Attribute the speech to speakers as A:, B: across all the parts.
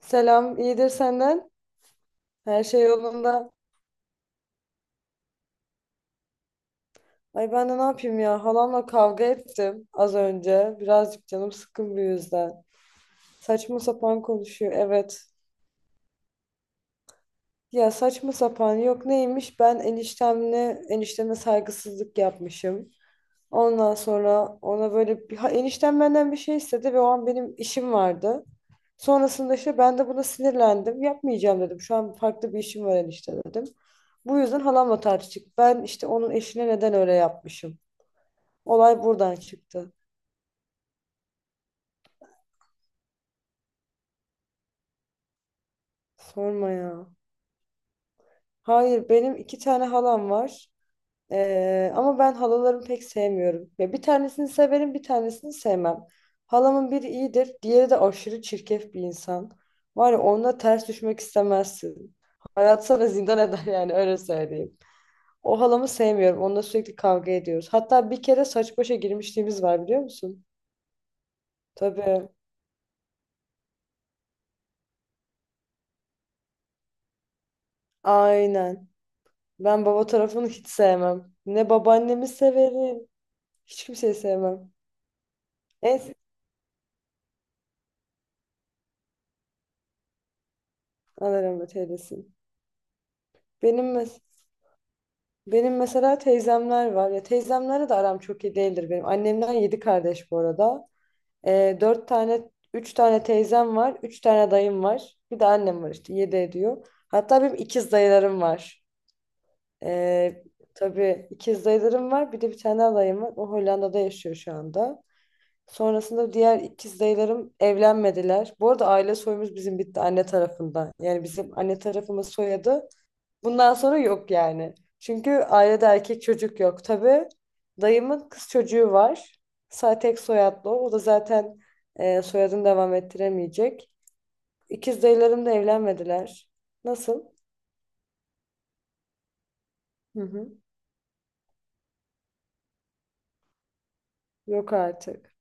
A: Selam, iyidir senden. Her şey yolunda. Ay, ben de ne yapayım ya? Halamla kavga ettim az önce. Birazcık canım sıkkın bu yüzden. Saçma sapan konuşuyor, evet. Ya saçma sapan yok neymiş? Ben enişteme saygısızlık yapmışım. Ondan sonra ona böyle eniştem benden bir şey istedi ve o an benim işim vardı. Sonrasında işte ben de buna sinirlendim. Yapmayacağım dedim. Şu an farklı bir işim var enişte dedim. Bu yüzden halamla tartıştık. Ben işte onun eşine neden öyle yapmışım. Olay buradan çıktı. Sorma ya. Hayır, benim iki tane halam var. Ama ben halalarımı pek sevmiyorum. Ya bir tanesini severim, bir tanesini sevmem. Halamın biri iyidir. Diğeri de aşırı çirkef bir insan. Var ya, onunla ters düşmek istemezsin. Hayat sana zindan eder yani, öyle söyleyeyim. O halamı sevmiyorum. Onunla sürekli kavga ediyoruz. Hatta bir kere saç başa girmişliğimiz var, biliyor musun? Tabii. Aynen. Ben baba tarafını hiç sevmem. Ne babaannemi severim. Hiç kimseyi sevmem. En Allah rahmet eylesin. Benim mes benim mesela teyzemler var. Ya teyzemlerle de aram çok iyi değildir benim. Annemden yedi kardeş bu arada. Üç tane teyzem var. Üç tane dayım var. Bir de annem var işte. Yedi ediyor. Hatta benim ikiz dayılarım var. Ee, tabii ikiz dayılarım var. Bir de bir tane alayım var. O Hollanda'da yaşıyor şu anda. Sonrasında diğer ikiz dayılarım evlenmediler. Bu arada aile soyumuz bizim bitti anne tarafından. Yani bizim anne tarafımız soyadı. Bundan sonra yok yani. Çünkü ailede erkek çocuk yok. Tabii dayımın kız çocuğu var. Tek soyadlı o. O da zaten soyadını devam ettiremeyecek. İkiz dayılarım da evlenmediler. Nasıl? Hı hı. Yok artık.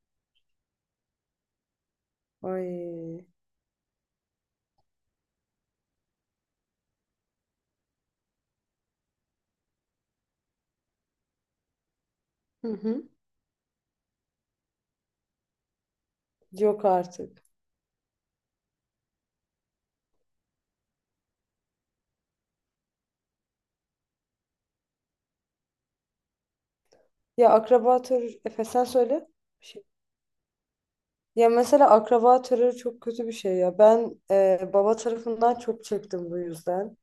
A: Ay. Hı hı. Yok artık. Efe sen söyle. Bir şey. Ya mesela akraba terörü çok kötü bir şey ya. Ben baba tarafından çok çektim bu yüzden.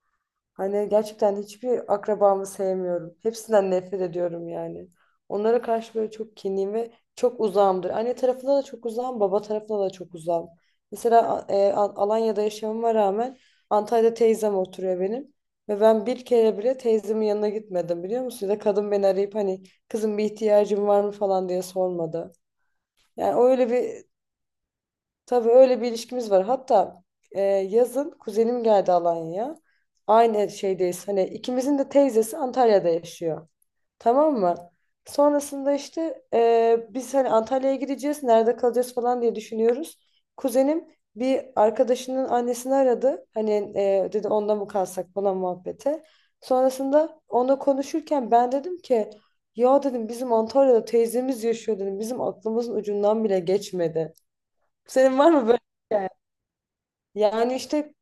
A: Hani gerçekten hiçbir akrabamı sevmiyorum. Hepsinden nefret ediyorum yani. Onlara karşı böyle çok kinliyim ve çok uzağımdır. Anne tarafına da çok uzağım, baba tarafına da çok uzağım. Mesela Alanya'da yaşamama rağmen Antalya'da teyzem oturuyor benim. Ve ben bir kere bile teyzemin yanına gitmedim, biliyor musun? Ya da kadın beni arayıp hani kızım bir ihtiyacın var mı falan diye sormadı. Yani öyle bir. Tabii öyle bir ilişkimiz var. Hatta yazın kuzenim geldi Alanya'ya. Aynı şeydeyiz. Hani ikimizin de teyzesi Antalya'da yaşıyor. Tamam mı? Sonrasında işte biz hani Antalya'ya gideceğiz, nerede kalacağız falan diye düşünüyoruz. Kuzenim bir arkadaşının annesini aradı. Hani dedi onda mı kalsak falan muhabbete. Sonrasında onunla konuşurken ben dedim ki ya dedim bizim Antalya'da teyzemiz yaşıyor dedim. Bizim aklımızın ucundan bile geçmedi. Senin var mı böyle bir hikaye? Yani işte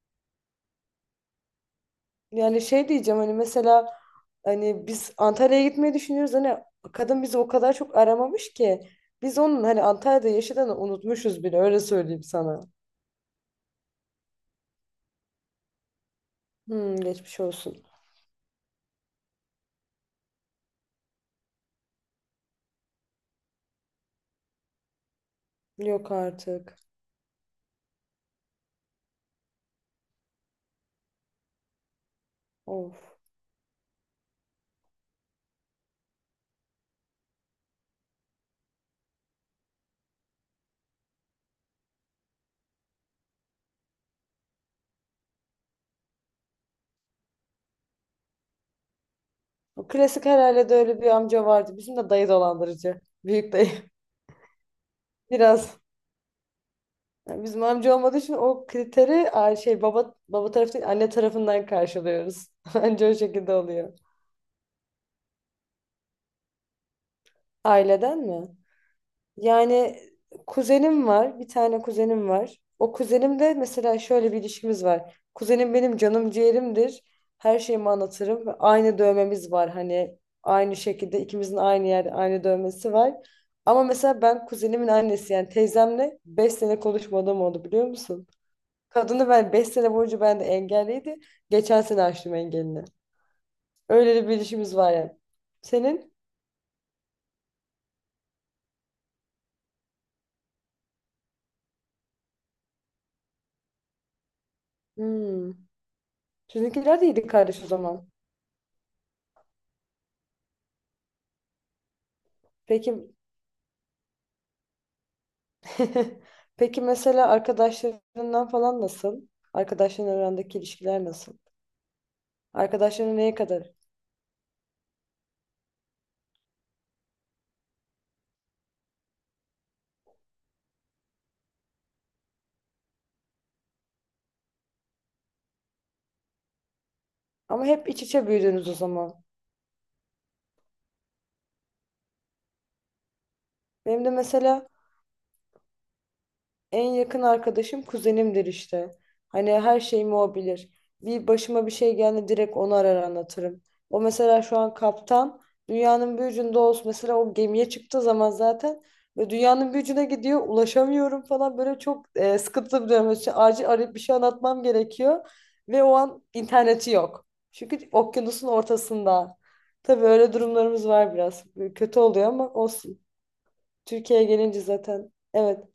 A: yani şey diyeceğim hani mesela hani biz Antalya'ya gitmeyi düşünüyoruz, hani kadın bizi o kadar çok aramamış ki biz onun hani Antalya'da yaşadığını unutmuşuz bile, öyle söyleyeyim sana. Hmm, geçmiş olsun. Yok artık. Of. O klasik herhalde, de öyle bir amca vardı. Bizim de dayı dolandırıcı. Büyük dayı. Biraz. Yani bizim amca olmadığı için o kriteri şey baba tarafı değil anne tarafından karşılıyoruz. Anca o şekilde oluyor. Aileden mi? Yani kuzenim var, bir tane kuzenim var. O kuzenim de mesela şöyle bir ilişkimiz var. Kuzenim benim canım ciğerimdir. Her şeyimi anlatırım. Aynı dövmemiz var, hani aynı şekilde ikimizin aynı yerde aynı dövmesi var. Ama mesela ben kuzenimin annesi yani teyzemle 5 sene konuşmadığım oldu, biliyor musun? Kadını ben 5 sene boyunca ben de engelliydi. Geçen sene açtım engelini. Öyle bir ilişkimiz var yani. Senin? Hmm. Sizinkiler de iyiydi kardeş o zaman. Peki. Peki, mesela arkadaşlarından falan nasıl? Arkadaşların arandaki ilişkiler nasıl? Arkadaşların neye kadar? Ama hep iç içe büyüdünüz o zaman. Benim de mesela en yakın arkadaşım kuzenimdir işte. Hani her şeyimi o bilir. Bir başıma bir şey geldi direkt onu arar anlatırım. O mesela şu an kaptan. Dünyanın bir ucunda olsun. Mesela o gemiye çıktığı zaman zaten ve dünyanın bir ucuna gidiyor. Ulaşamıyorum falan, böyle çok sıkıntılı bir dönem. İşte acil arayıp bir şey anlatmam gerekiyor. Ve o an interneti yok. Çünkü okyanusun ortasında. Tabii öyle durumlarımız var biraz. Kötü oluyor ama olsun. Türkiye'ye gelince zaten evet.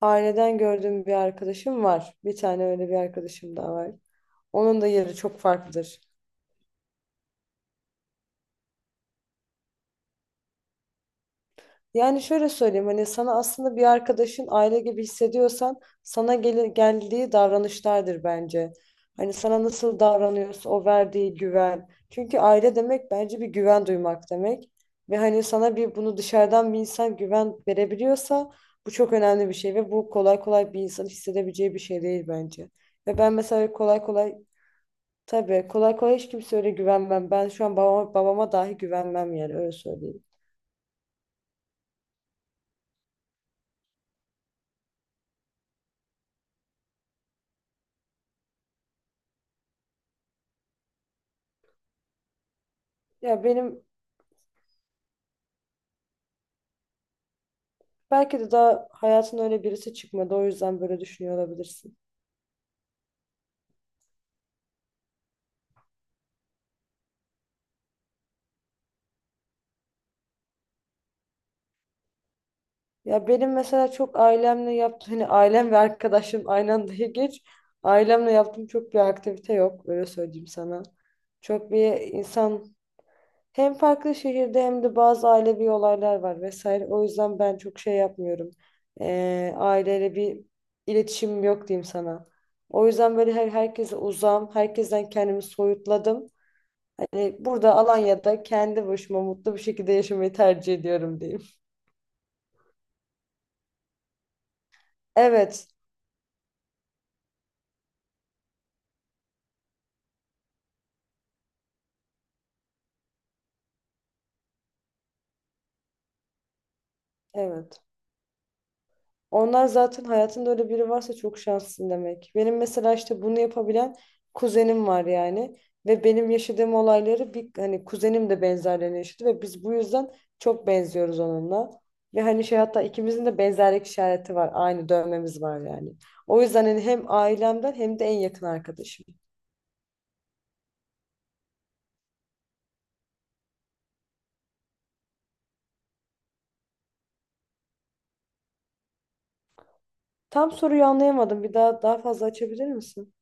A: Aileden gördüğüm bir arkadaşım var. Bir tane öyle bir arkadaşım daha var. Onun da yeri çok farklıdır. Yani şöyle söyleyeyim, hani sana aslında bir arkadaşın aile gibi hissediyorsan sana geldiği davranışlardır bence. Hani sana nasıl davranıyorsa o verdiği güven. Çünkü aile demek bence bir güven duymak demek. Ve hani sana bunu dışarıdan bir insan güven verebiliyorsa bu çok önemli bir şey ve bu kolay kolay bir insan hissedebileceği bir şey değil bence. Ve ben mesela kolay kolay. Tabii kolay kolay hiç kimse öyle güvenmem. Ben şu an babama dahi güvenmem yani, öyle söyleyeyim. Ya benim belki de daha hayatın öyle birisi çıkmadı, o yüzden böyle düşünüyor olabilirsin. Ya benim mesela çok ailemle yaptığım hani ailem ve arkadaşım aynı anda geç ailemle yaptığım çok bir aktivite yok, öyle söyleyeyim sana. Çok bir insan. Hem farklı şehirde hem de bazı ailevi olaylar var vesaire. O yüzden ben çok şey yapmıyorum. Aileyle bir iletişim yok diyeyim sana. O yüzden böyle herkese uzağım. Herkesten kendimi soyutladım. Hani burada Alanya'da kendi başıma mutlu bir şekilde yaşamayı tercih ediyorum diyeyim. Evet, evet. Onlar zaten hayatında öyle biri varsa çok şanslısın demek. Benim mesela işte bunu yapabilen kuzenim var yani. Ve benim yaşadığım olayları bir hani kuzenim de benzerlerini yaşadı ve biz bu yüzden çok benziyoruz onunla. Ve hani şey, hatta ikimizin de benzerlik işareti var. Aynı dövmemiz var yani. O yüzden hani hem ailemden hem de en yakın arkadaşım. Tam soruyu anlayamadım. Bir daha daha fazla açabilir misin?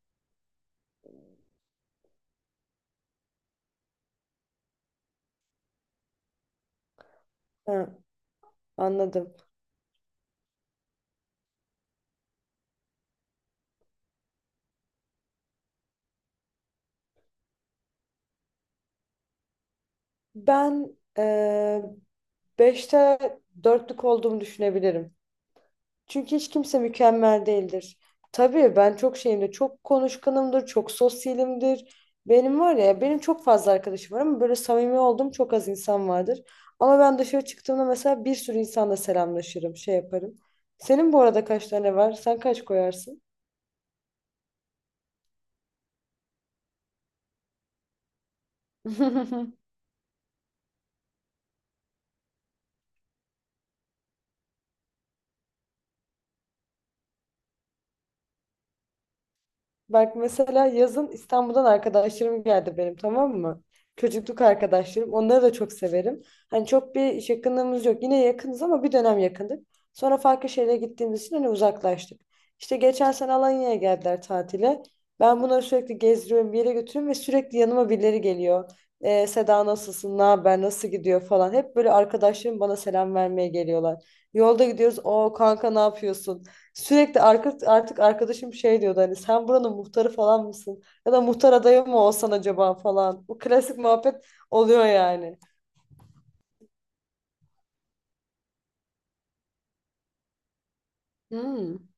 A: Ha, anladım. Ben beşte dörtlük olduğumu düşünebilirim. Çünkü hiç kimse mükemmel değildir. Tabii ben çok şeyimdir, çok konuşkanımdır, çok sosyalimdir. Benim var ya, benim çok fazla arkadaşım var ama böyle samimi olduğum çok az insan vardır. Ama ben dışarı çıktığımda mesela bir sürü insanla selamlaşırım, şey yaparım. Senin bu arada kaç tane var? Sen kaç koyarsın? Bak mesela yazın İstanbul'dan arkadaşlarım geldi benim, tamam mı? Çocukluk arkadaşlarım. Onları da çok severim. Hani çok bir iş yakınlığımız yok. Yine yakınız ama bir dönem yakındık. Sonra farklı şehre gittiğimiz için hani uzaklaştık. İşte geçen sene Alanya'ya geldiler tatile. Ben bunları sürekli gezdiriyorum, bir yere götürüyorum ve sürekli yanıma birileri geliyor. Seda nasılsın, ne haber, nasıl gidiyor falan. Hep böyle arkadaşlarım bana selam vermeye geliyorlar. Yolda gidiyoruz, o kanka ne yapıyorsun? Sürekli artık arkadaşım şey diyordu hani sen buranın muhtarı falan mısın? Ya da muhtar adayı mı olsan acaba falan. Bu klasik muhabbet oluyor yani. Hmm.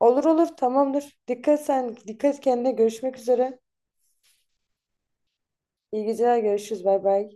A: Olur olur tamamdır. Dikkat sen, dikkat kendine, görüşmek üzere. İyi geceler, görüşürüz, bay bay.